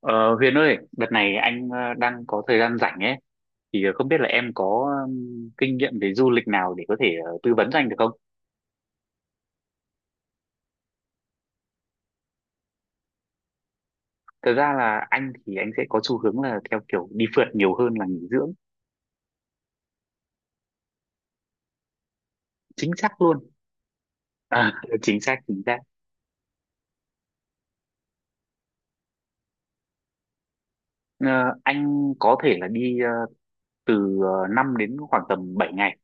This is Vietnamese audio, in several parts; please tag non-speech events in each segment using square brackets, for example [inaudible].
Ờ, Huyền ơi, đợt này anh đang có thời gian rảnh ấy, thì không biết là em có kinh nghiệm về du lịch nào để có thể tư vấn cho anh được không? Thật ra là anh thì anh sẽ có xu hướng là theo kiểu đi phượt nhiều hơn là nghỉ dưỡng, chính xác luôn. À, [laughs] chính xác, chính xác. Ờ, anh có thể là đi từ 5 đến khoảng tầm 7 ngày.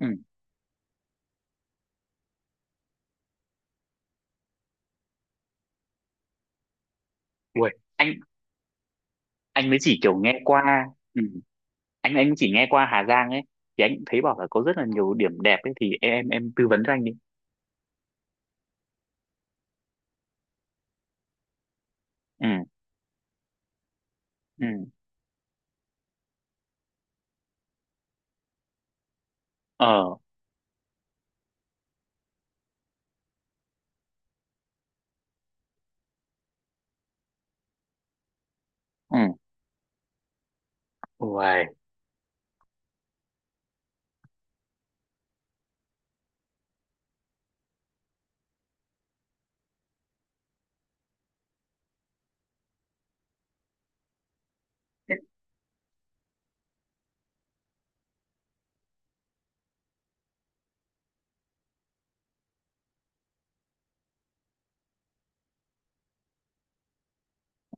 Ừ, ui, anh anh mới chỉ kiểu nghe qua, ừ, anh chỉ nghe qua Hà Giang ấy, thì anh thấy bảo là có rất là nhiều điểm đẹp ấy, thì em tư vấn cho anh đi. Ừ, ừ. Ờ ừ. Uầy.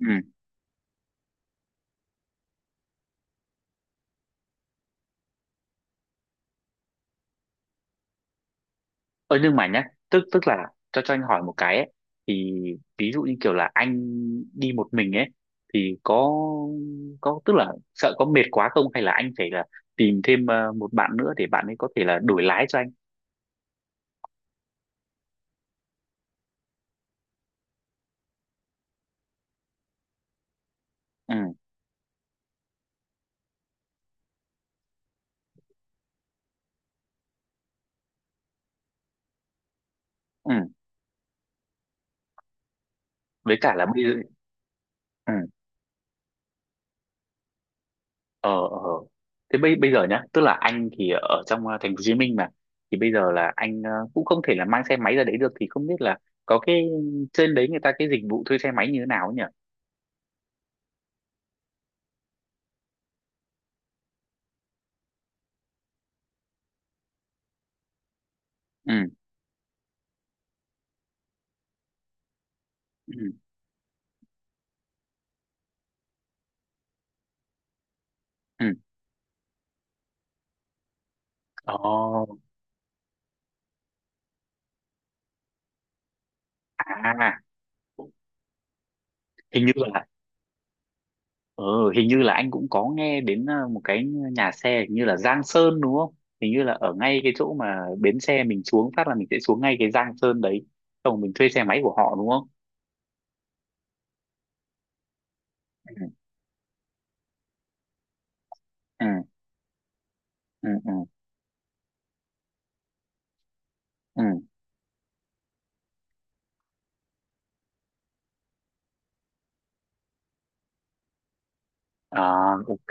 Ừ. Ơ, nhưng mà nhá, tức tức là cho anh hỏi một cái ấy, thì ví dụ như kiểu là anh đi một mình ấy thì có tức là sợ có mệt quá không, hay là anh phải là tìm thêm một bạn nữa để bạn ấy có thể là đổi lái cho anh. Ừ, ừ, với cả là bây giờ, ừ, ờ ờ ờ. Thế bây bây giờ nhá, tức là anh thì ở trong thành phố Hồ Chí Minh mà, thì bây giờ là anh cũng không thể là mang xe máy ra đấy được, thì không biết là có cái trên đấy người ta cái dịch vụ thuê xe máy như thế nào ấy nhỉ? Ừ, ừ, ừ. Ồ, à, hình như là ừ, hình như là anh cũng có nghe đến một cái nhà xe hình như là Giang Sơn, đúng không? Hình như là ở ngay cái chỗ mà bến xe mình xuống phát là mình sẽ xuống ngay cái Giang Sơn đấy, xong rồi mình thuê xe máy của họ đúng không? Ừ, ừ, ừ, ừ, ừ. À, ok,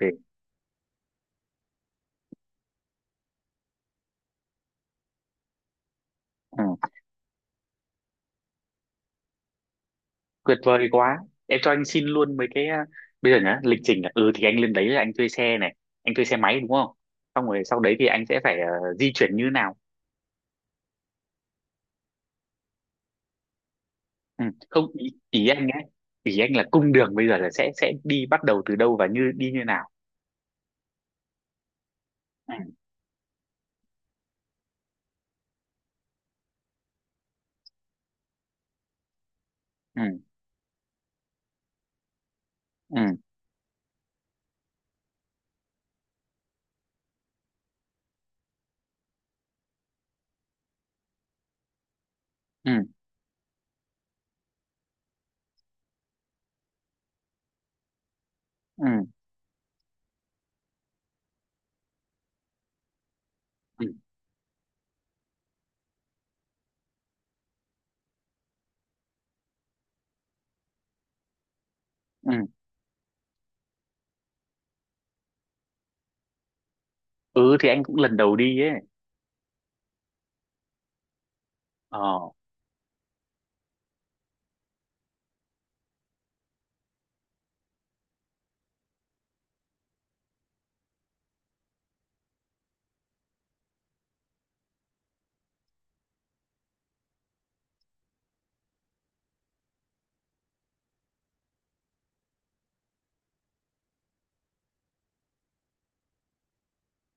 ừ. Tuyệt vời quá, em cho anh xin luôn mấy cái ờ, Bây giờ nhá, lịch trình là, thì anh lên đấy là anh thuê xe này, anh thuê xe máy đúng không, xong rồi sau đấy thì anh sẽ phải di chuyển như nào? Ừ. Không, ý, ý anh ấy, ý anh là cung đường bây giờ là sẽ đi bắt đầu từ đâu và như đi như nào? Ừ, ừ, ừ, ừ, ừ, ừ, ừ. Ừ, thì anh cũng lần đầu đi ấy. ờ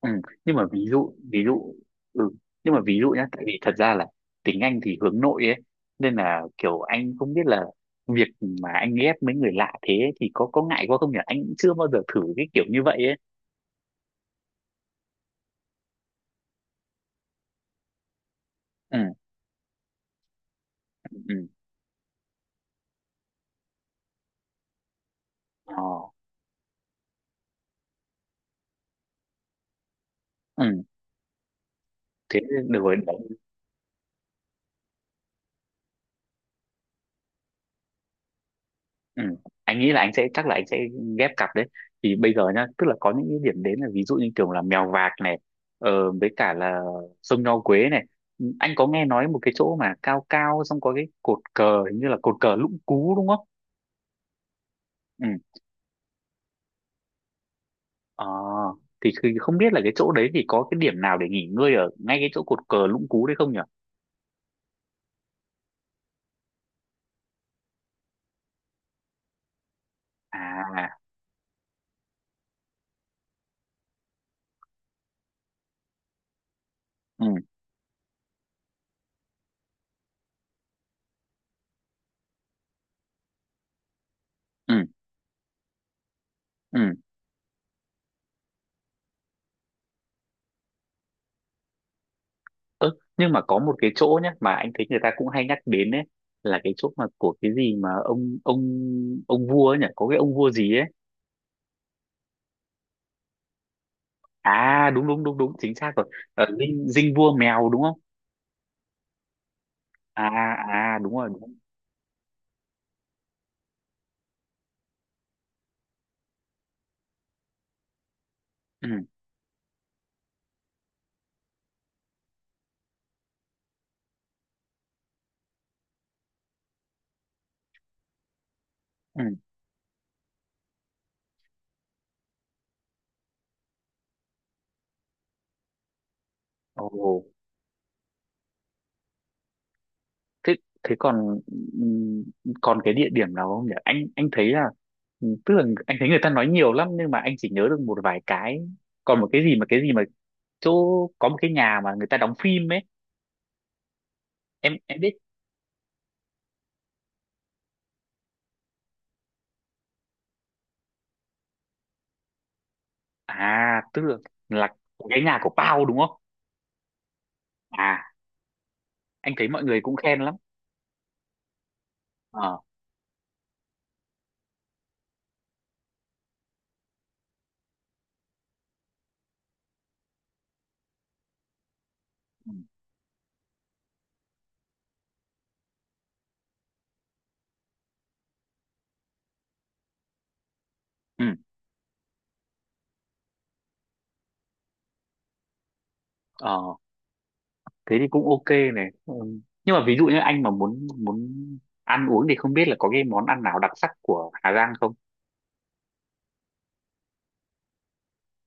ừ. Nhưng mà ví dụ ừ. Nhưng mà ví dụ nhá, tại vì thật ra là tính anh thì hướng nội ấy, nên là kiểu anh không biết là việc mà anh ghép mấy người lạ thế ấy thì có ngại quá không nhỉ? Anh cũng chưa bao giờ thử cái kiểu như vậy ấy. Ừ, ừ, ờ ừ, thế được rồi. Ừ. Anh nghĩ là anh sẽ, chắc là anh sẽ ghép cặp đấy, thì bây giờ nhá tức là có những cái điểm đến, là ví dụ như kiểu là Mèo Vạc này, với cả là sông Nho Quế này. Ừ, anh có nghe nói một cái chỗ mà cao cao xong có cái cột cờ, hình như là cột cờ Lũng Cú đúng không? Ừ. Ờ, thì không biết là cái chỗ đấy thì có cái điểm nào để nghỉ ngơi ở ngay cái chỗ cột cờ Lũng Cú đấy không nhỉ? À, ừ, ừ, ừ. Ơ, nhưng mà có một cái chỗ nhá mà anh thấy người ta cũng hay nhắc đến ấy, là cái chỗ mà của cái gì mà, ông vua ấy nhỉ, có cái ông vua gì ấy? À, đúng đúng đúng đúng, chính xác rồi. Dinh dinh vua Mèo đúng không? À, à, đúng rồi, đúng rồi. Ừ, ừ, ồ, thế thế còn ừm, còn cái địa điểm nào không nhỉ, anh thấy là, tức là anh thấy người ta nói nhiều lắm nhưng mà anh chỉ nhớ được một vài cái, còn một cái gì mà chỗ có một cái nhà mà người ta đóng phim ấy, em biết. À tức là cái nhà của Pao đúng không? À, anh thấy mọi người cũng khen lắm. ờ ừ, ừ, ờ thế thì cũng ok này, ừ. Nhưng mà ví dụ như anh mà muốn muốn ăn uống thì không biết là có cái món ăn nào đặc sắc của Hà Giang không?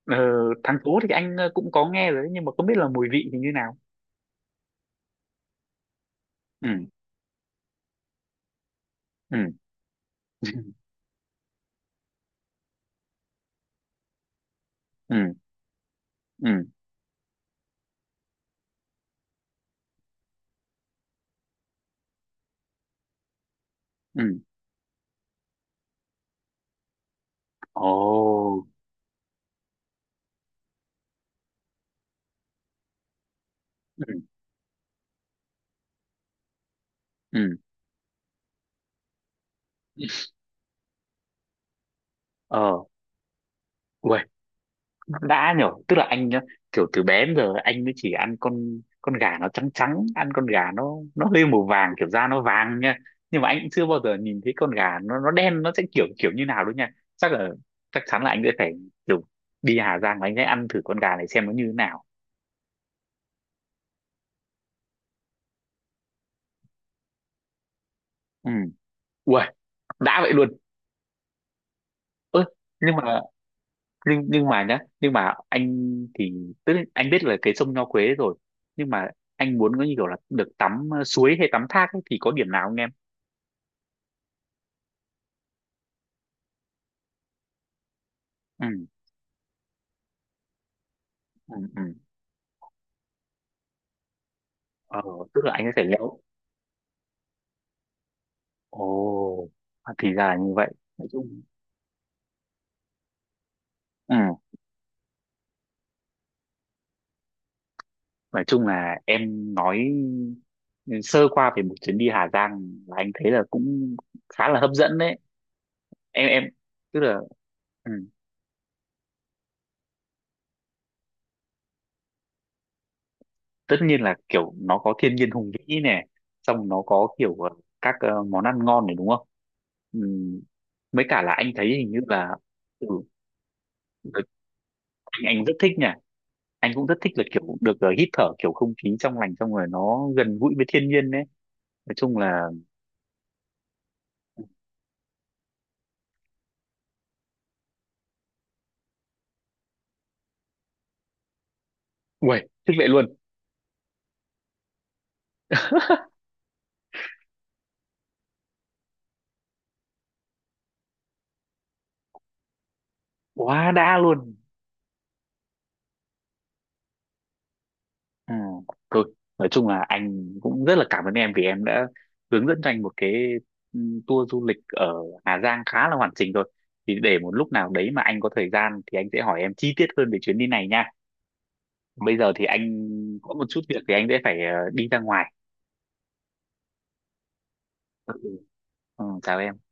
ờ, thắng cố thì anh cũng có nghe rồi đấy, nhưng mà không biết là mùi vị thì như nào? Ừ, ừ, [laughs] ừ, ừ, ừ, ồ, ừ, ừ, ờ Uầy, đã nhở, tức là anh nhá, kiểu từ bé đến giờ anh mới chỉ ăn con gà nó trắng trắng, ăn con gà nó hơi màu vàng kiểu da nó vàng nha. Nhưng mà anh cũng chưa bao giờ nhìn thấy con gà nó đen nó sẽ kiểu kiểu như nào đâu nha. Chắc là, chắc chắn là anh sẽ phải kiểu đi Hà Giang và anh sẽ ăn thử con gà này xem nó như thế nào. Ừ, ui, đã vậy luôn. Ơ, nhưng mà nhưng mà nhá nhưng mà anh thì, tức là anh biết là cái sông Nho Quế rồi, nhưng mà anh muốn có như kiểu là được tắm suối hay tắm thác ấy, thì có điểm nào không em? Ừ, ừ, ừ. Ờ, tức là anh ấy phải leo. Ồ, à, thì ra là như vậy. Nói chung, ừ, nói chung là em nói sơ qua về một chuyến đi Hà Giang, là anh thấy là cũng khá là hấp dẫn đấy. Em tức là, ừ, tất nhiên là kiểu nó có thiên nhiên hùng vĩ này, xong nó có kiểu các món ăn ngon này đúng không? Ừ, mấy cả là anh thấy hình như là, ừ, anh rất thích nhỉ, anh cũng rất thích là kiểu được hít thở kiểu không khí trong lành xong rồi nó gần gũi với thiên nhiên đấy. Nói chung là, uầy, thích vậy luôn, quá đã luôn. Ừ. Thôi nói chung là anh cũng rất là cảm ơn em vì em đã hướng dẫn cho anh một cái ừ, tour du lịch ở Hà Giang khá là hoàn chỉnh rồi, thì để một lúc nào đấy mà anh có thời gian thì anh sẽ hỏi em chi tiết hơn về chuyến đi này nha. Bây giờ thì anh có một chút việc thì anh sẽ phải đi ra ngoài. Ừ. Ừ, chào em.